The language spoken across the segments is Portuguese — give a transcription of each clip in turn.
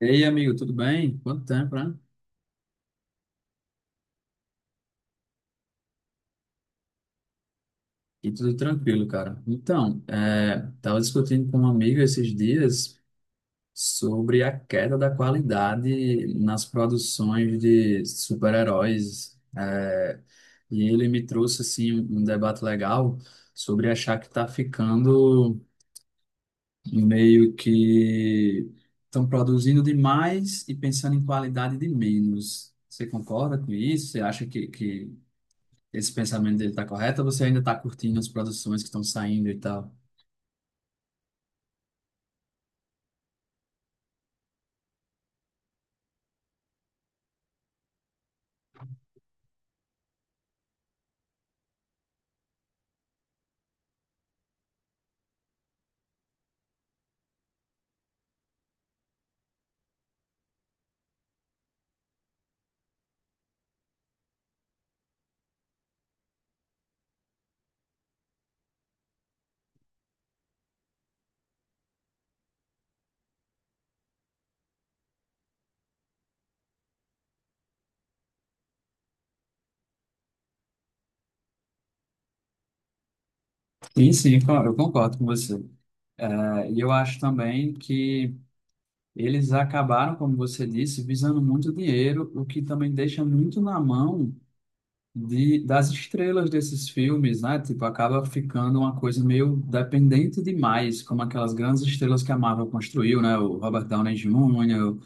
Ei, amigo, tudo bem? Quanto tempo, né? E tudo tranquilo, cara. Então, tava discutindo com um amigo esses dias sobre a queda da qualidade nas produções de super-heróis. E ele me trouxe, assim, um debate legal sobre achar que tá ficando meio que estão produzindo demais e pensando em qualidade de menos. Você concorda com isso? Você acha que esse pensamento dele tá correto, ou você ainda tá curtindo as produções que estão saindo e tal? Sim, sim, eu concordo com você. E eu acho também que eles acabaram, como você disse, visando muito dinheiro, o que também deixa muito na mão das estrelas desses filmes, né? Tipo, acaba ficando uma coisa meio dependente demais, como aquelas grandes estrelas que a Marvel construiu, né? O Robert Downey Jr.,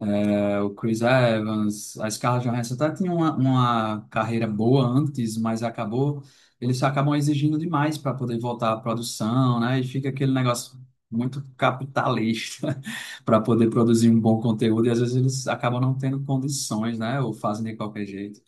é, o Chris Evans, a Scarlett Johansson até tinha uma carreira boa antes, mas acabou, eles acabam exigindo demais para poder voltar à produção, né? E fica aquele negócio muito capitalista para poder produzir um bom conteúdo, e às vezes eles acabam não tendo condições, né? Ou fazem de qualquer jeito.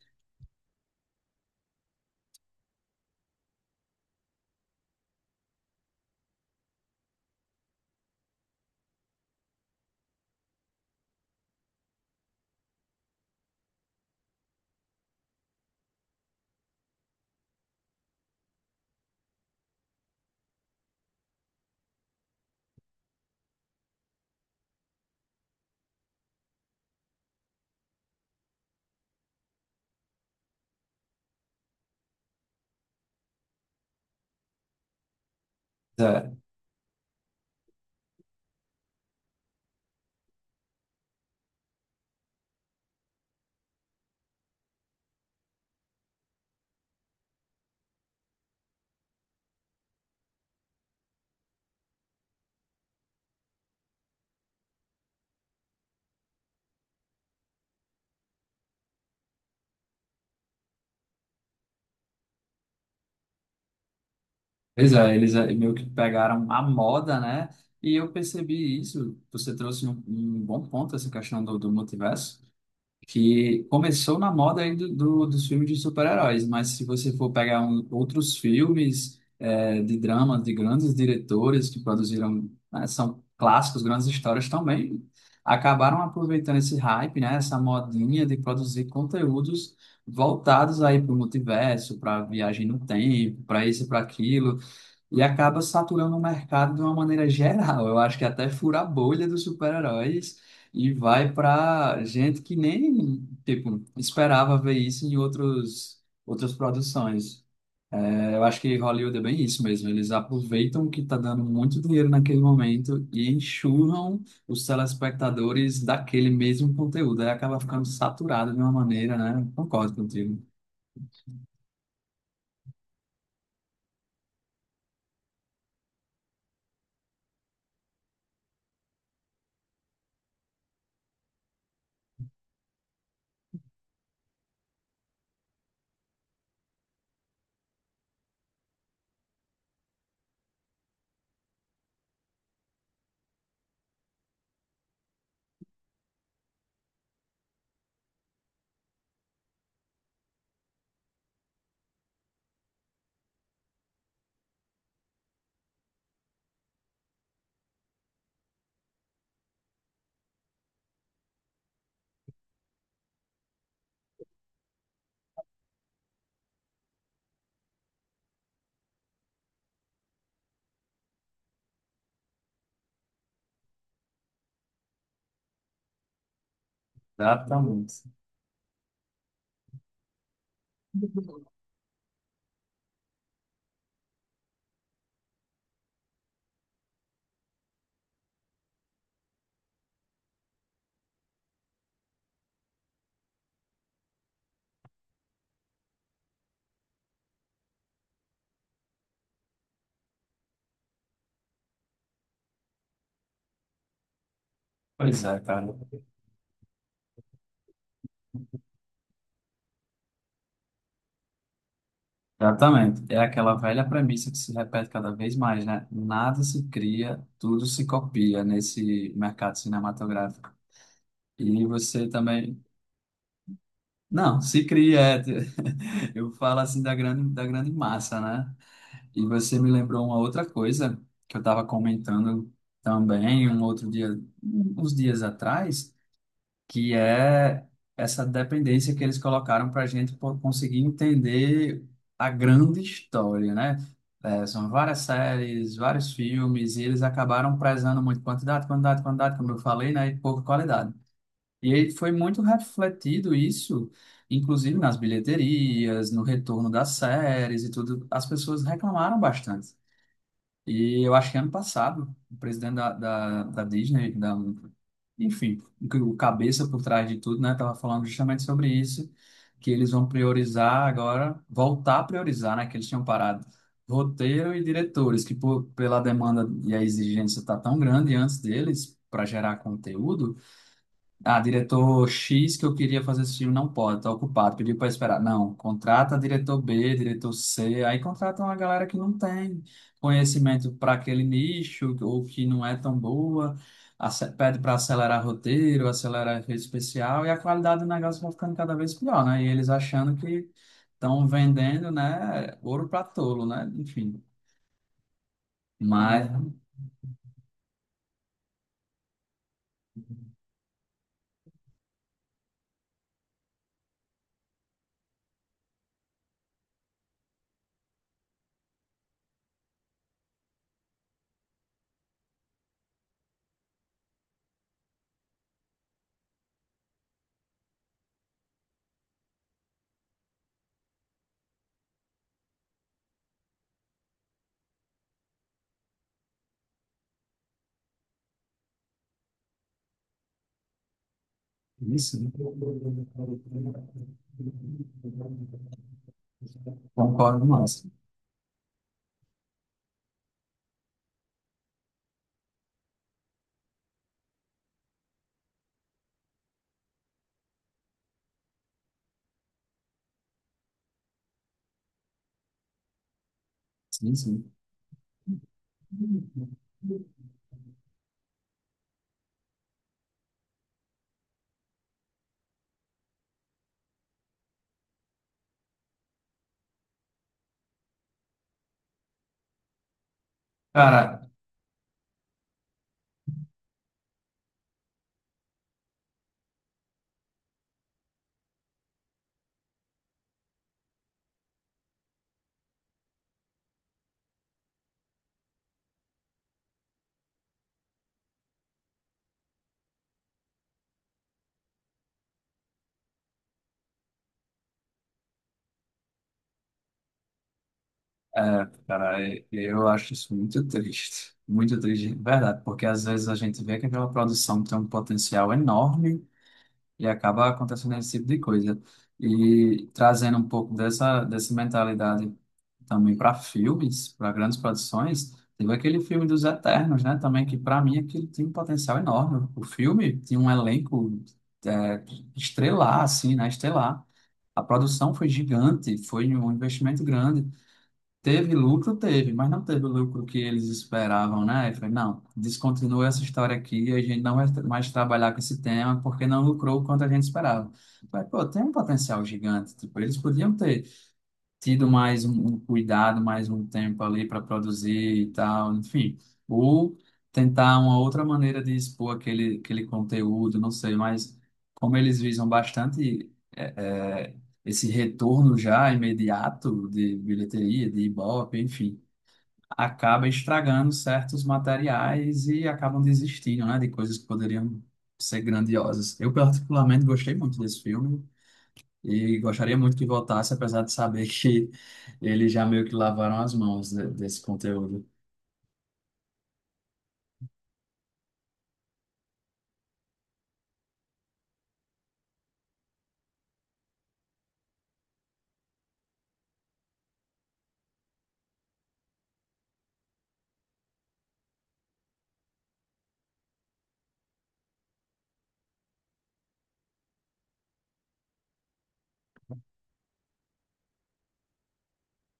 É, pois é, meio que pegaram a moda, né? E eu percebi isso. Você trouxe um bom ponto, essa questão do multiverso. Que começou na moda aí dos filmes de super-heróis, mas se você for pegar outros filmes, de dramas de grandes diretores que produziram, né, são clássicos, grandes histórias também, acabaram aproveitando esse hype, né, essa modinha de produzir conteúdos voltados aí para o multiverso, para viagem no tempo, para isso e para aquilo. E acaba saturando o mercado de uma maneira geral. Eu acho que até fura a bolha dos super-heróis e vai para gente que nem, tipo, esperava ver isso em outros, outras produções. Eu acho que Hollywood é bem isso mesmo. Eles aproveitam que está dando muito dinheiro naquele momento e enxurram os telespectadores daquele mesmo conteúdo. Aí acaba ficando saturado de uma maneira, né? Concordo contigo. Exatamente. Pois é, cara. Exatamente. É aquela velha premissa que se repete cada vez mais, né? Nada se cria, tudo se copia nesse mercado cinematográfico. E você também. Não, se cria. É. Eu falo assim da grande massa, né? E você me lembrou uma outra coisa que eu estava comentando também um outro dia, uns dias atrás, que é essa dependência que eles colocaram para a gente conseguir entender a grande história, né? É, são várias séries, vários filmes, e eles acabaram prezando muito quantidade, quantidade, quantidade, como eu falei, né? E pouca qualidade. E aí foi muito refletido isso, inclusive nas bilheterias, no retorno das séries e tudo. As pessoas reclamaram bastante. E eu acho que ano passado, o presidente da Disney, enfim, o cabeça por trás de tudo, né, tava falando justamente sobre isso, que eles vão priorizar agora, voltar a priorizar, né, que eles tinham parado roteiro e diretores, que pela demanda e a exigência tá tão grande antes deles para gerar conteúdo. Ah, diretor X que eu queria fazer esse filme não pode, tá ocupado, pediu para esperar. Não, contrata diretor B, diretor C, aí contrata uma galera que não tem conhecimento para aquele nicho ou que não é tão boa, pede para acelerar roteiro, acelerar efeito especial, e a qualidade do negócio vai ficando cada vez pior, né? E eles achando que estão vendendo, né, ouro para tolo, né? Enfim, mas isso, né? Concordo, mas. Sim, sim. Cara, é, cara, eu acho isso muito triste, de verdade, porque às vezes a gente vê que aquela produção tem um potencial enorme, e acaba acontecendo esse tipo de coisa. E trazendo um pouco dessa, dessa mentalidade também para filmes, para grandes produções, teve aquele filme dos Eternos, né? Também, que para mim aquilo tem um potencial enorme. O filme tinha um elenco, é, estelar, assim, né? Estelar. A produção foi gigante, foi um investimento grande. Teve lucro, teve, mas não teve o lucro que eles esperavam, né? Eu falei, não, descontinua essa história aqui, a gente não vai mais trabalhar com esse tema porque não lucrou o quanto a gente esperava. Eu falei, pô, tem um potencial gigante, tipo, eles podiam ter tido mais um cuidado, mais um tempo ali para produzir e tal, enfim, ou tentar uma outra maneira de expor aquele conteúdo, não sei, mas como eles visam bastante, é, é, esse retorno já imediato de bilheteria, de Ibope, enfim, acaba estragando certos materiais e acabam desistindo, né, de coisas que poderiam ser grandiosas. Eu particularmente gostei muito desse filme. E gostaria muito que voltasse, apesar de saber que eles já meio que lavaram as mãos desse conteúdo.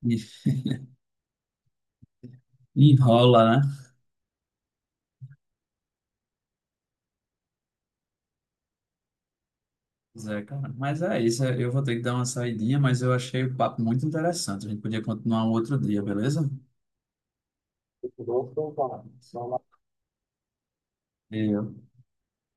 E enrola, né? Pois é, cara. Mas é isso, eu vou ter que dar uma saidinha, mas eu achei o papo muito interessante. A gente podia continuar um outro dia, beleza? Muito bom, então, tá. Só lá.